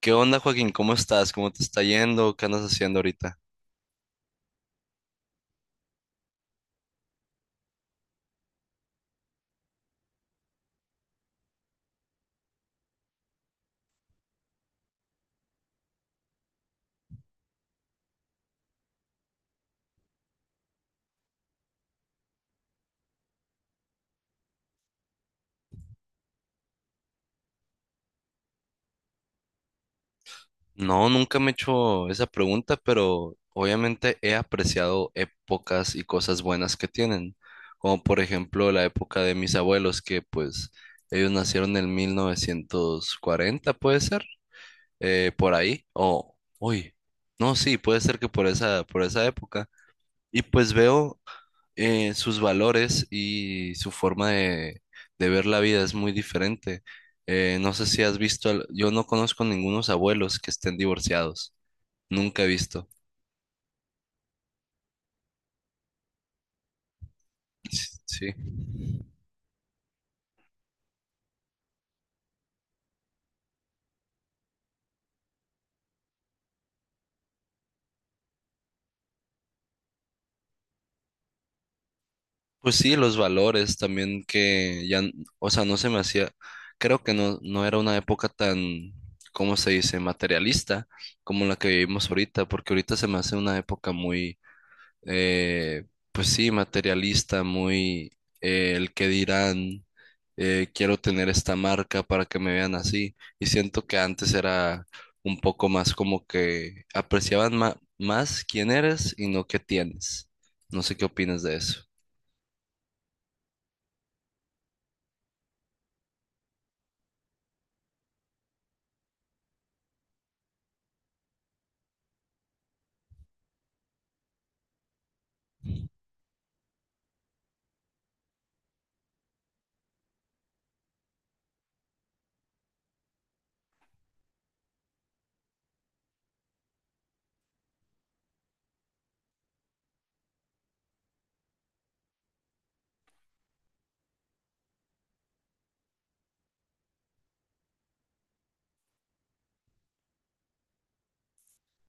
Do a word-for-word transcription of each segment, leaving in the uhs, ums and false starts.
¿Qué onda, Joaquín? ¿Cómo estás? ¿Cómo te está yendo? ¿Qué andas haciendo ahorita? No, nunca me he hecho esa pregunta, pero obviamente he apreciado épocas y cosas buenas que tienen, como por ejemplo la época de mis abuelos, que pues ellos nacieron en mil novecientos cuarenta, puede ser. Eh, por ahí, o, uy, no, sí, puede ser que por esa, por esa época. Y pues veo eh, sus valores y su forma de, de ver la vida es muy diferente. Eh, no sé si has visto, al- yo no conozco ningunos abuelos que estén divorciados, nunca he visto. S- Sí. Pues sí, los valores también que ya, n- o sea, no se me hacía, creo que no, no era una época tan, ¿cómo se dice?, materialista como la que vivimos ahorita, porque ahorita se me hace una época muy eh, pues sí, materialista, muy eh, el que dirán, eh, quiero tener esta marca para que me vean así. Y siento que antes era un poco más como que apreciaban ma- más quién eres y no qué tienes. No sé qué opinas de eso.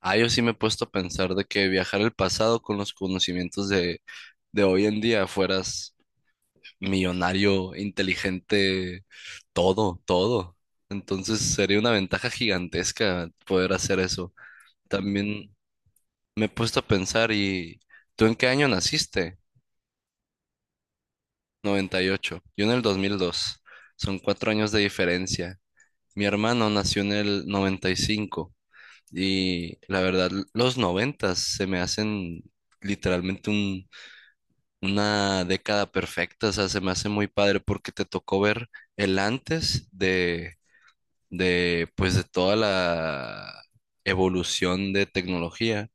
Ah, yo sí me he puesto a pensar de que viajar al pasado con los conocimientos de, de hoy en día fueras millonario, inteligente, todo, todo. Entonces sería una ventaja gigantesca poder hacer eso. También me he puesto a pensar y ¿tú en qué año naciste? Noventa y ocho. Yo en el dos mil dos. Son cuatro años de diferencia. Mi hermano nació en el noventa y cinco y la verdad los noventas se me hacen literalmente un, una década perfecta. O sea, se me hace muy padre porque te tocó ver el antes de de pues de toda la evolución de tecnología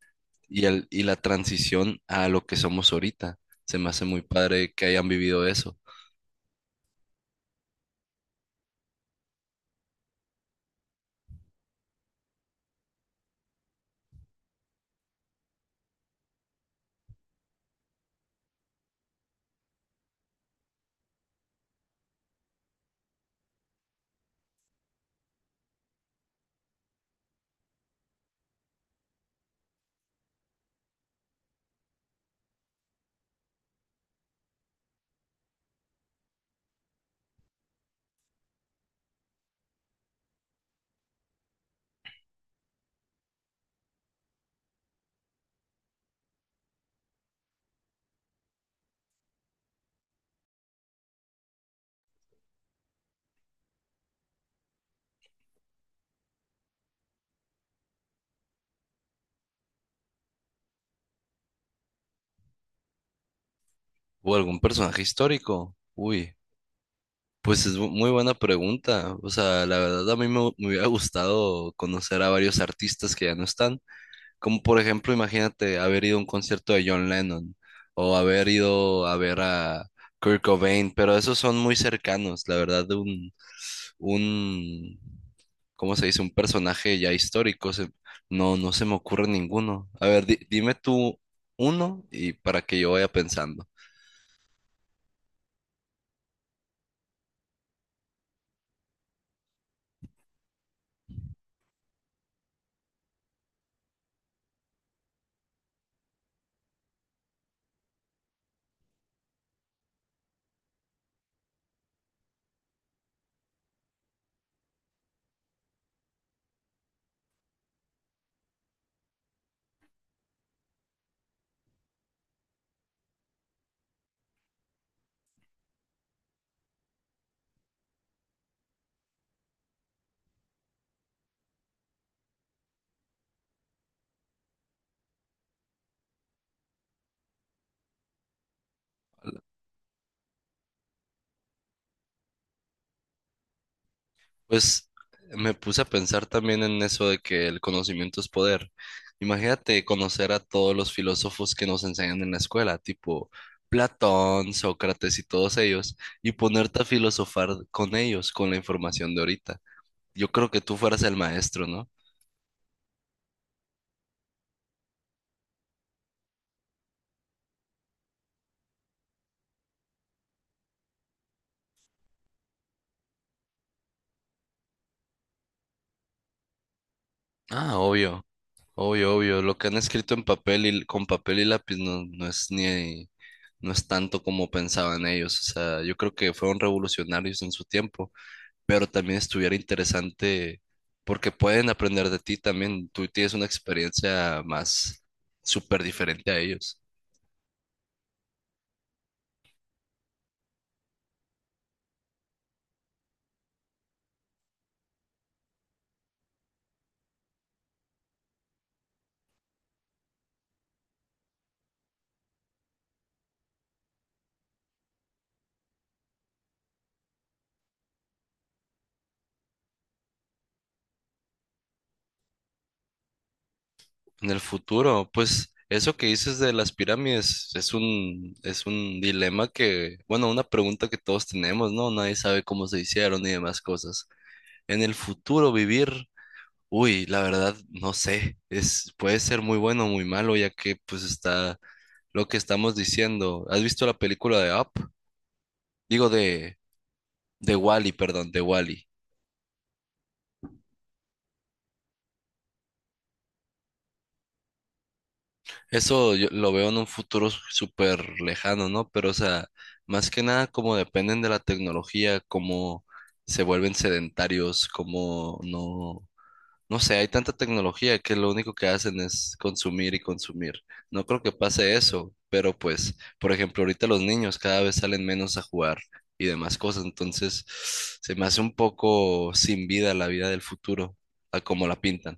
y, el- y la transición a lo que somos ahorita. Se me hace muy padre que hayan vivido eso. ¿O algún personaje histórico? Uy, pues es mu- muy buena pregunta. O sea, la verdad a mí me, hu- me hubiera gustado conocer a varios artistas que ya no están. Como por ejemplo, imagínate haber ido a un concierto de John Lennon o haber ido a ver a Kurt Cobain, pero esos son muy cercanos, la verdad, de un, un, ¿cómo se dice? Un personaje ya histórico. Se- no, no se me ocurre ninguno. A ver, di- dime tú uno y para que yo vaya pensando. Pues me puse a pensar también en eso de que el conocimiento es poder. Imagínate conocer a todos los filósofos que nos enseñan en la escuela, tipo Platón, Sócrates y todos ellos, y ponerte a filosofar con ellos, con la información de ahorita. Yo creo que tú fueras el maestro, ¿no? Ah, obvio. Obvio, obvio, lo que han escrito en papel y con papel y lápiz no, no es ni no es tanto como pensaban ellos. O sea, yo creo que fueron revolucionarios en su tiempo, pero también estuviera interesante porque pueden aprender de ti también. Tú tienes una experiencia más súper diferente a ellos. En el futuro, pues eso que dices de las pirámides es un es un dilema que, bueno, una pregunta que todos tenemos, ¿no? Nadie sabe cómo se hicieron y demás cosas. En el futuro vivir uy, la verdad, no sé, es, puede ser muy bueno o muy malo, ya que pues está lo que estamos diciendo. ¿Has visto la película de Up? Digo de, de Wall-E, perdón, de Wall-E. Eso yo lo veo en un futuro s- súper lejano, ¿no? Pero, o sea, más que nada, como dependen de la tecnología, cómo se vuelven sedentarios, cómo no. No sé, hay tanta tecnología que lo único que hacen es consumir y consumir. No creo que pase eso, pero pues, por ejemplo, ahorita los niños cada vez salen menos a jugar y demás cosas, entonces se me hace un poco sin vida la vida del futuro, a como la pintan.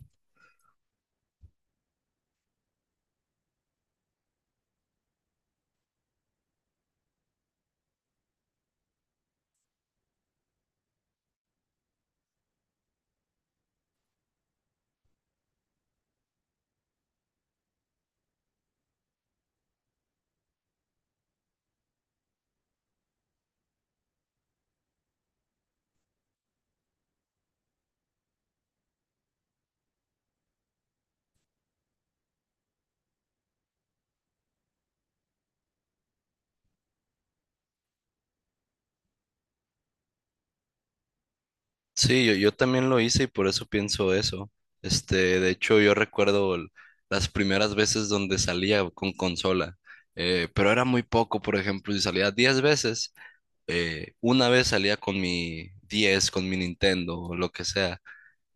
Sí, yo, yo también lo hice y por eso pienso eso. Este, de hecho, yo recuerdo el- las primeras veces donde salía con consola, eh, pero era muy poco, por ejemplo, si salía diez veces. eh, una vez salía con mi diez con mi Nintendo o lo que sea,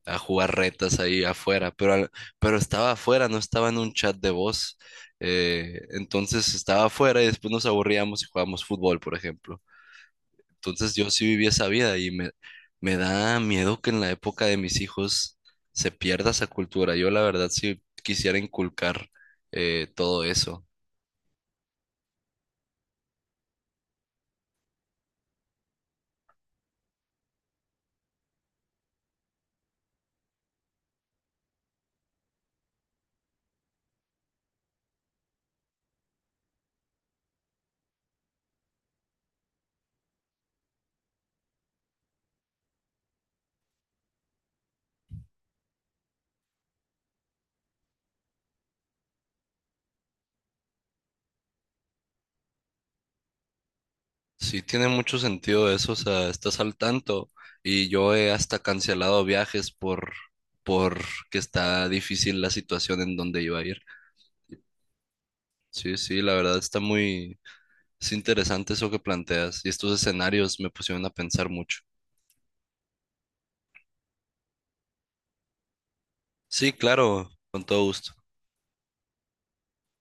a jugar retas ahí afuera, pero, al- pero estaba afuera, no estaba en un chat de voz. Eh, entonces estaba afuera y después nos aburríamos y jugábamos fútbol, por ejemplo. Entonces yo sí viví esa vida y me, me da miedo que en la época de mis hijos se pierda esa cultura. Yo la verdad sí quisiera inculcar eh, todo eso. Sí, tiene mucho sentido eso, o sea, estás al tanto y yo he hasta cancelado viajes por por que está difícil la situación en donde iba a ir. Sí, sí, la verdad está muy es interesante eso que planteas y estos escenarios me pusieron a pensar mucho. Sí, claro, con todo gusto.